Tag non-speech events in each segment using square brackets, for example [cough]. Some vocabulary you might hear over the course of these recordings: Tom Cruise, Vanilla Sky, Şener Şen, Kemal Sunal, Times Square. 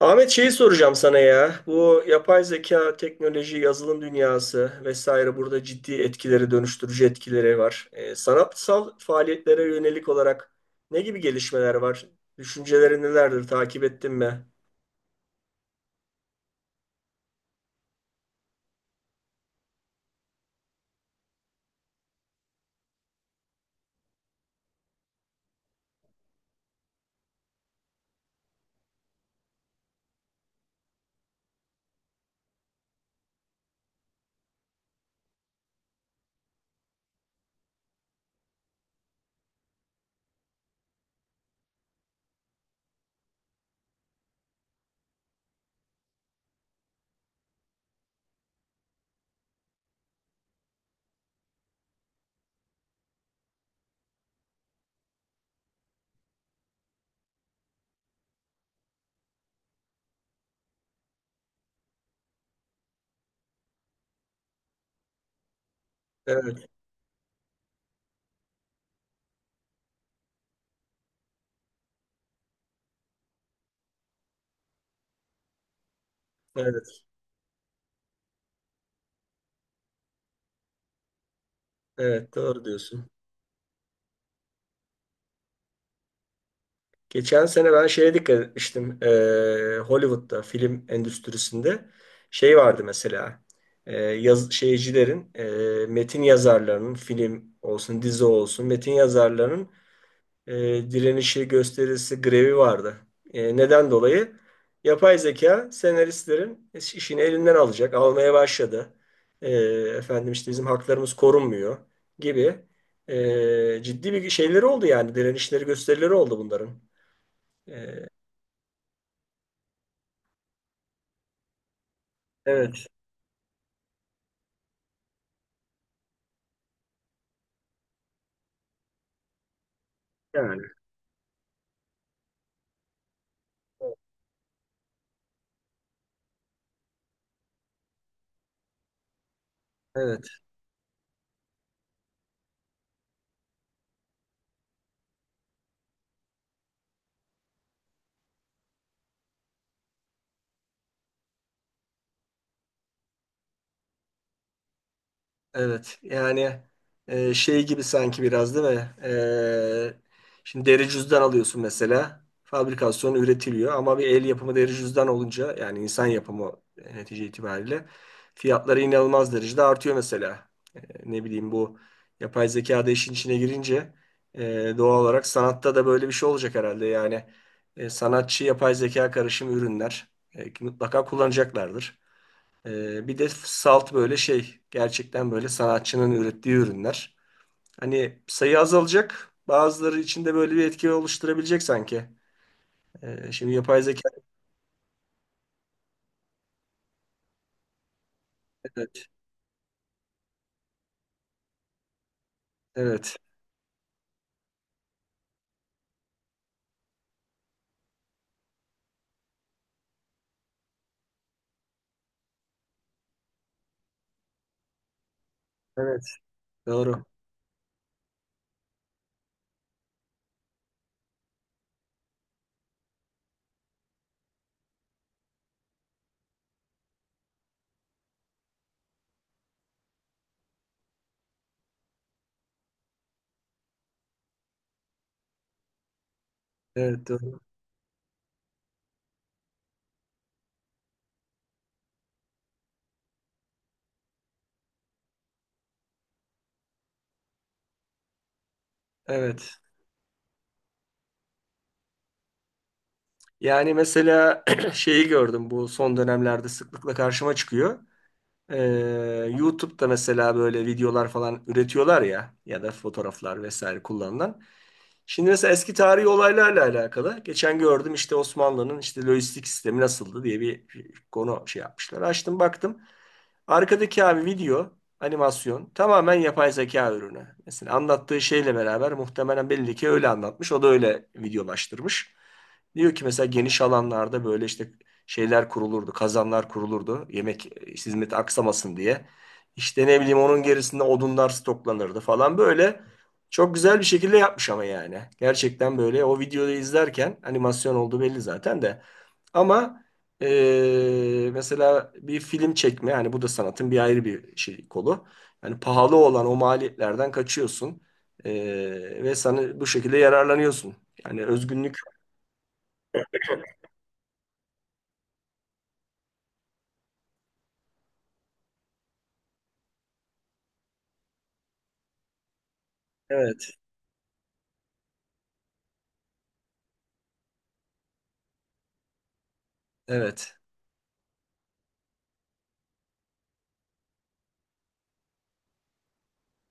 Ahmet şeyi soracağım sana ya. Bu yapay zeka, teknoloji, yazılım dünyası vesaire burada ciddi etkileri, dönüştürücü etkileri var. Sanatsal faaliyetlere yönelik olarak ne gibi gelişmeler var? Düşünceleri nelerdir? Takip ettin mi? Evet, evet, evet doğru diyorsun. Geçen sene ben şeye dikkat etmiştim. Hollywood'da film endüstrisinde şey vardı mesela. Yaz, şeycilerin, metin yazarlarının, film olsun, dizi olsun, metin yazarlarının e, direnişi, gösterisi, grevi vardı. E, neden dolayı? Yapay zeka senaristlerin işini elinden alacak, almaya başladı. E, efendim işte bizim haklarımız korunmuyor gibi ciddi bir şeyleri oldu yani direnişleri, gösterileri oldu bunların. Evet, yani. Evet. Evet yani şey gibi sanki biraz değil mi? E, şimdi deri cüzdan alıyorsun mesela. Fabrikasyonu üretiliyor ama bir el yapımı deri cüzdan olunca yani insan yapımı netice itibariyle fiyatları inanılmaz derecede artıyor mesela. Ne bileyim bu yapay zeka da işin içine girince doğal olarak sanatta da böyle bir şey olacak herhalde. Yani sanatçı yapay zeka karışımı ürünler mutlaka kullanacaklardır. Bir de salt böyle şey gerçekten böyle sanatçının ürettiği ürünler. Hani sayı azalacak. Bazıları içinde böyle bir etki oluşturabilecek sanki. Şimdi yapay zeka evet evet evet doğru. Evet doğru. Evet. Yani mesela [clears throat] şeyi gördüm bu son dönemlerde sıklıkla karşıma çıkıyor. Ee, YouTube'da mesela böyle videolar falan üretiyorlar ya ya da fotoğraflar vesaire kullanılan. Şimdi mesela eski tarihi olaylarla alakalı. Geçen gördüm işte Osmanlı'nın işte lojistik sistemi nasıldı diye bir konu şey yapmışlar. Açtım baktım. Arkadaki abi video, animasyon tamamen yapay zeka ürünü. Mesela anlattığı şeyle beraber muhtemelen belli ki öyle anlatmış. O da öyle videolaştırmış. Diyor ki mesela geniş alanlarda böyle işte şeyler kurulurdu, kazanlar kurulurdu. Yemek hizmeti aksamasın diye. İşte ne bileyim onun gerisinde odunlar stoklanırdı falan böyle. Çok güzel bir şekilde yapmış ama yani. Gerçekten böyle o videoyu izlerken animasyon olduğu belli zaten de. Ama mesela bir film çekme yani bu da sanatın bir ayrı bir şey kolu. Yani pahalı olan o maliyetlerden kaçıyorsun. E, Ve sana bu şekilde yararlanıyorsun. Yani özgünlük. Evet, evet,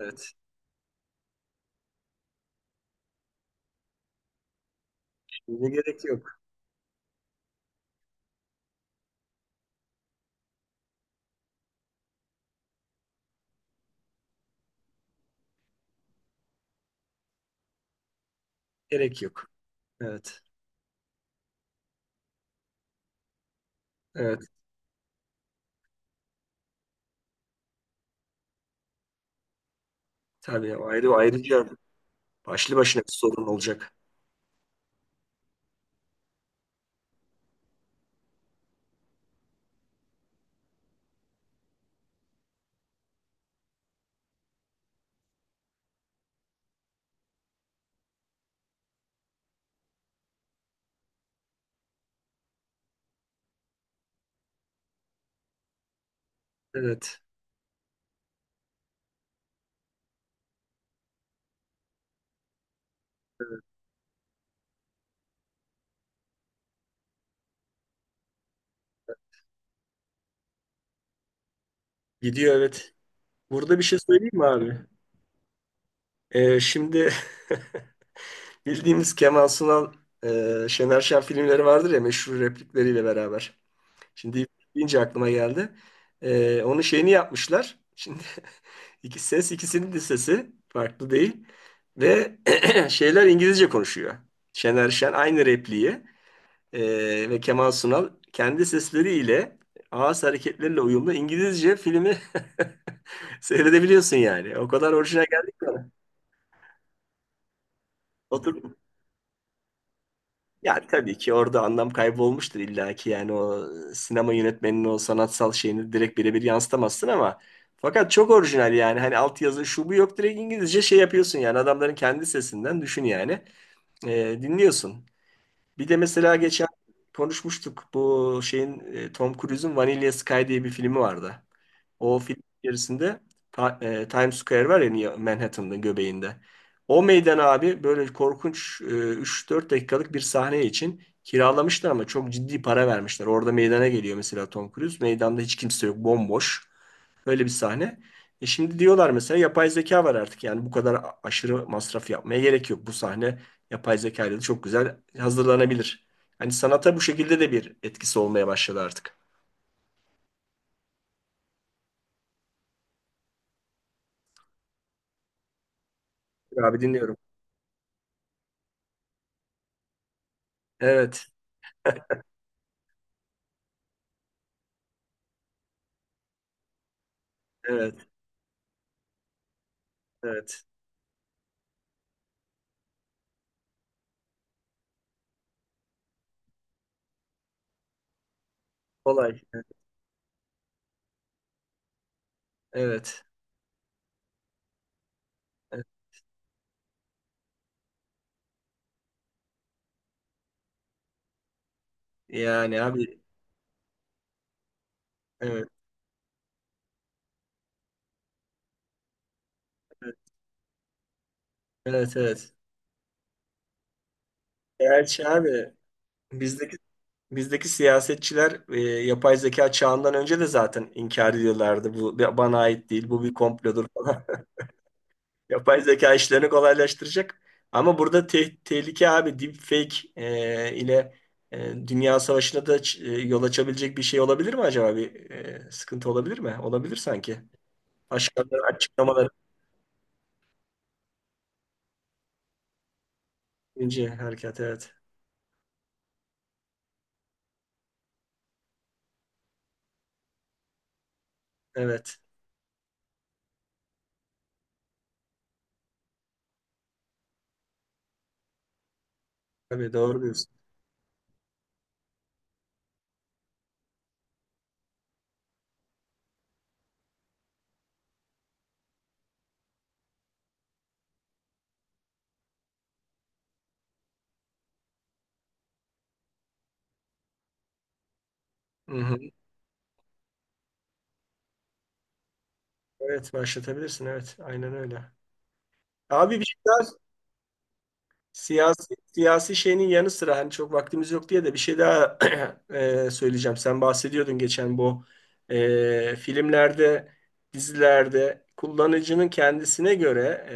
evet. Şimdi gerek yok. Gerek yok. Evet. Evet. Tabii ayrı ayrıca başlı başına bir sorun olacak. Evet. Evet. Gidiyor evet. Burada bir şey söyleyeyim mi abi? Şimdi [laughs] bildiğimiz Kemal Sunal, Şener Şen filmleri vardır ya meşhur replikleriyle beraber. Şimdi deyince aklıma geldi. Onun şeyini yapmışlar. Şimdi [laughs] iki ses ikisinin de sesi farklı değil. Ve [clears throat] şeyler İngilizce konuşuyor. Şener Şen aynı repliği. Ve Kemal Sunal kendi sesleriyle ağız hareketleriyle uyumlu İngilizce filmi [laughs] seyredebiliyorsun yani. O kadar orijinal geldi ki bana. Otur. Yani tabii ki orada anlam kaybolmuştur illa ki yani o sinema yönetmeninin o sanatsal şeyini direkt birebir yansıtamazsın ama fakat çok orijinal yani hani altyazı şu bu yok direkt İngilizce şey yapıyorsun yani adamların kendi sesinden düşün yani dinliyorsun. Bir de mesela geçen konuşmuştuk bu şeyin Tom Cruise'un Vanilla Sky diye bir filmi vardı. O film içerisinde Times Square var ya New Manhattan'ın göbeğinde. O meydan abi böyle korkunç 3-4 dakikalık bir sahne için kiralamışlar ama çok ciddi para vermişler. Orada meydana geliyor mesela Tom Cruise. Meydanda hiç kimse yok, bomboş. Öyle bir sahne. E şimdi diyorlar mesela yapay zeka var artık. Yani bu kadar aşırı masraf yapmaya gerek yok. Bu sahne yapay zeka ile de çok güzel hazırlanabilir. Hani sanata bu şekilde de bir etkisi olmaya başladı artık. Abi dinliyorum. Evet, evet. Evet. Kolay. Evet. Evet. Yani abi evet. Evet evet. Evet. Gerçi abi bizdeki bizdeki siyasetçiler yapay zeka çağından önce de zaten inkar ediyorlardı. Bu bana ait değil. Bu bir komplodur falan. [laughs] Yapay zeka işlerini kolaylaştıracak. Ama burada tehlike abi deepfake ile dünya savaşına da yol açabilecek bir şey olabilir mi acaba? Bir sıkıntı olabilir mi? Olabilir sanki. Başkanların açıklamaları ince harekat evet. Evet. Tabii doğru diyorsun. Hı hı. Evet başlatabilirsin. Evet. Aynen öyle. Abi bir şey daha siyasi şeyinin yanı sıra hani çok vaktimiz yok diye de bir şey daha [clears throat] söyleyeceğim. Sen bahsediyordun geçen bu filmlerde, dizilerde kullanıcının kendisine göre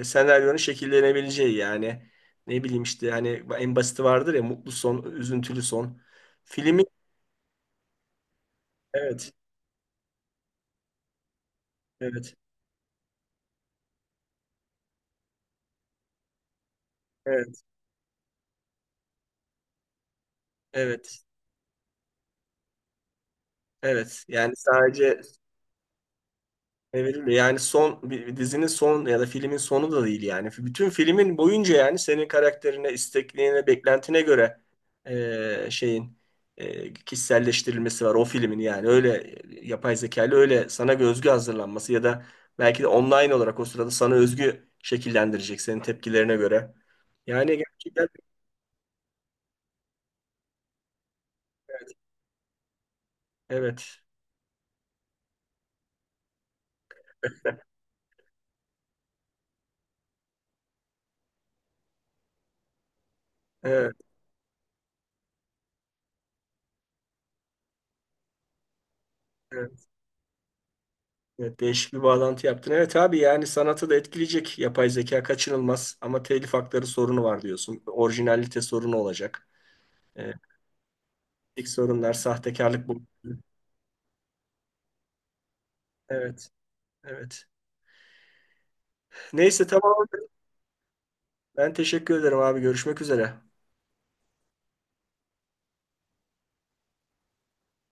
senaryonun şekillenebileceği yani ne bileyim işte hani en basiti vardır ya mutlu son, üzüntülü son. Filmin evet, evet, evet, evet. Evet. Yani sadece evet, yani son dizinin son ya da filmin sonu da değil yani. Bütün filmin boyunca yani senin karakterine, istekliğine, beklentine göre şeyin kişiselleştirilmesi var o filmin yani. Öyle yapay zekalı öyle sana özgü hazırlanması ya da belki de online olarak o sırada sana özgü şekillendirecek senin tepkilerine göre. Yani gerçekten evet. Evet. Evet. Evet. Evet, değişik bir bağlantı yaptın. Evet abi yani sanatı da etkileyecek yapay zeka kaçınılmaz ama telif hakları sorunu var diyorsun. Orijinalite sorunu olacak. Ee, etik sorunlar, sahtekarlık bu. Evet, evet. Neyse tamam. Ben teşekkür ederim abi. Görüşmek üzere.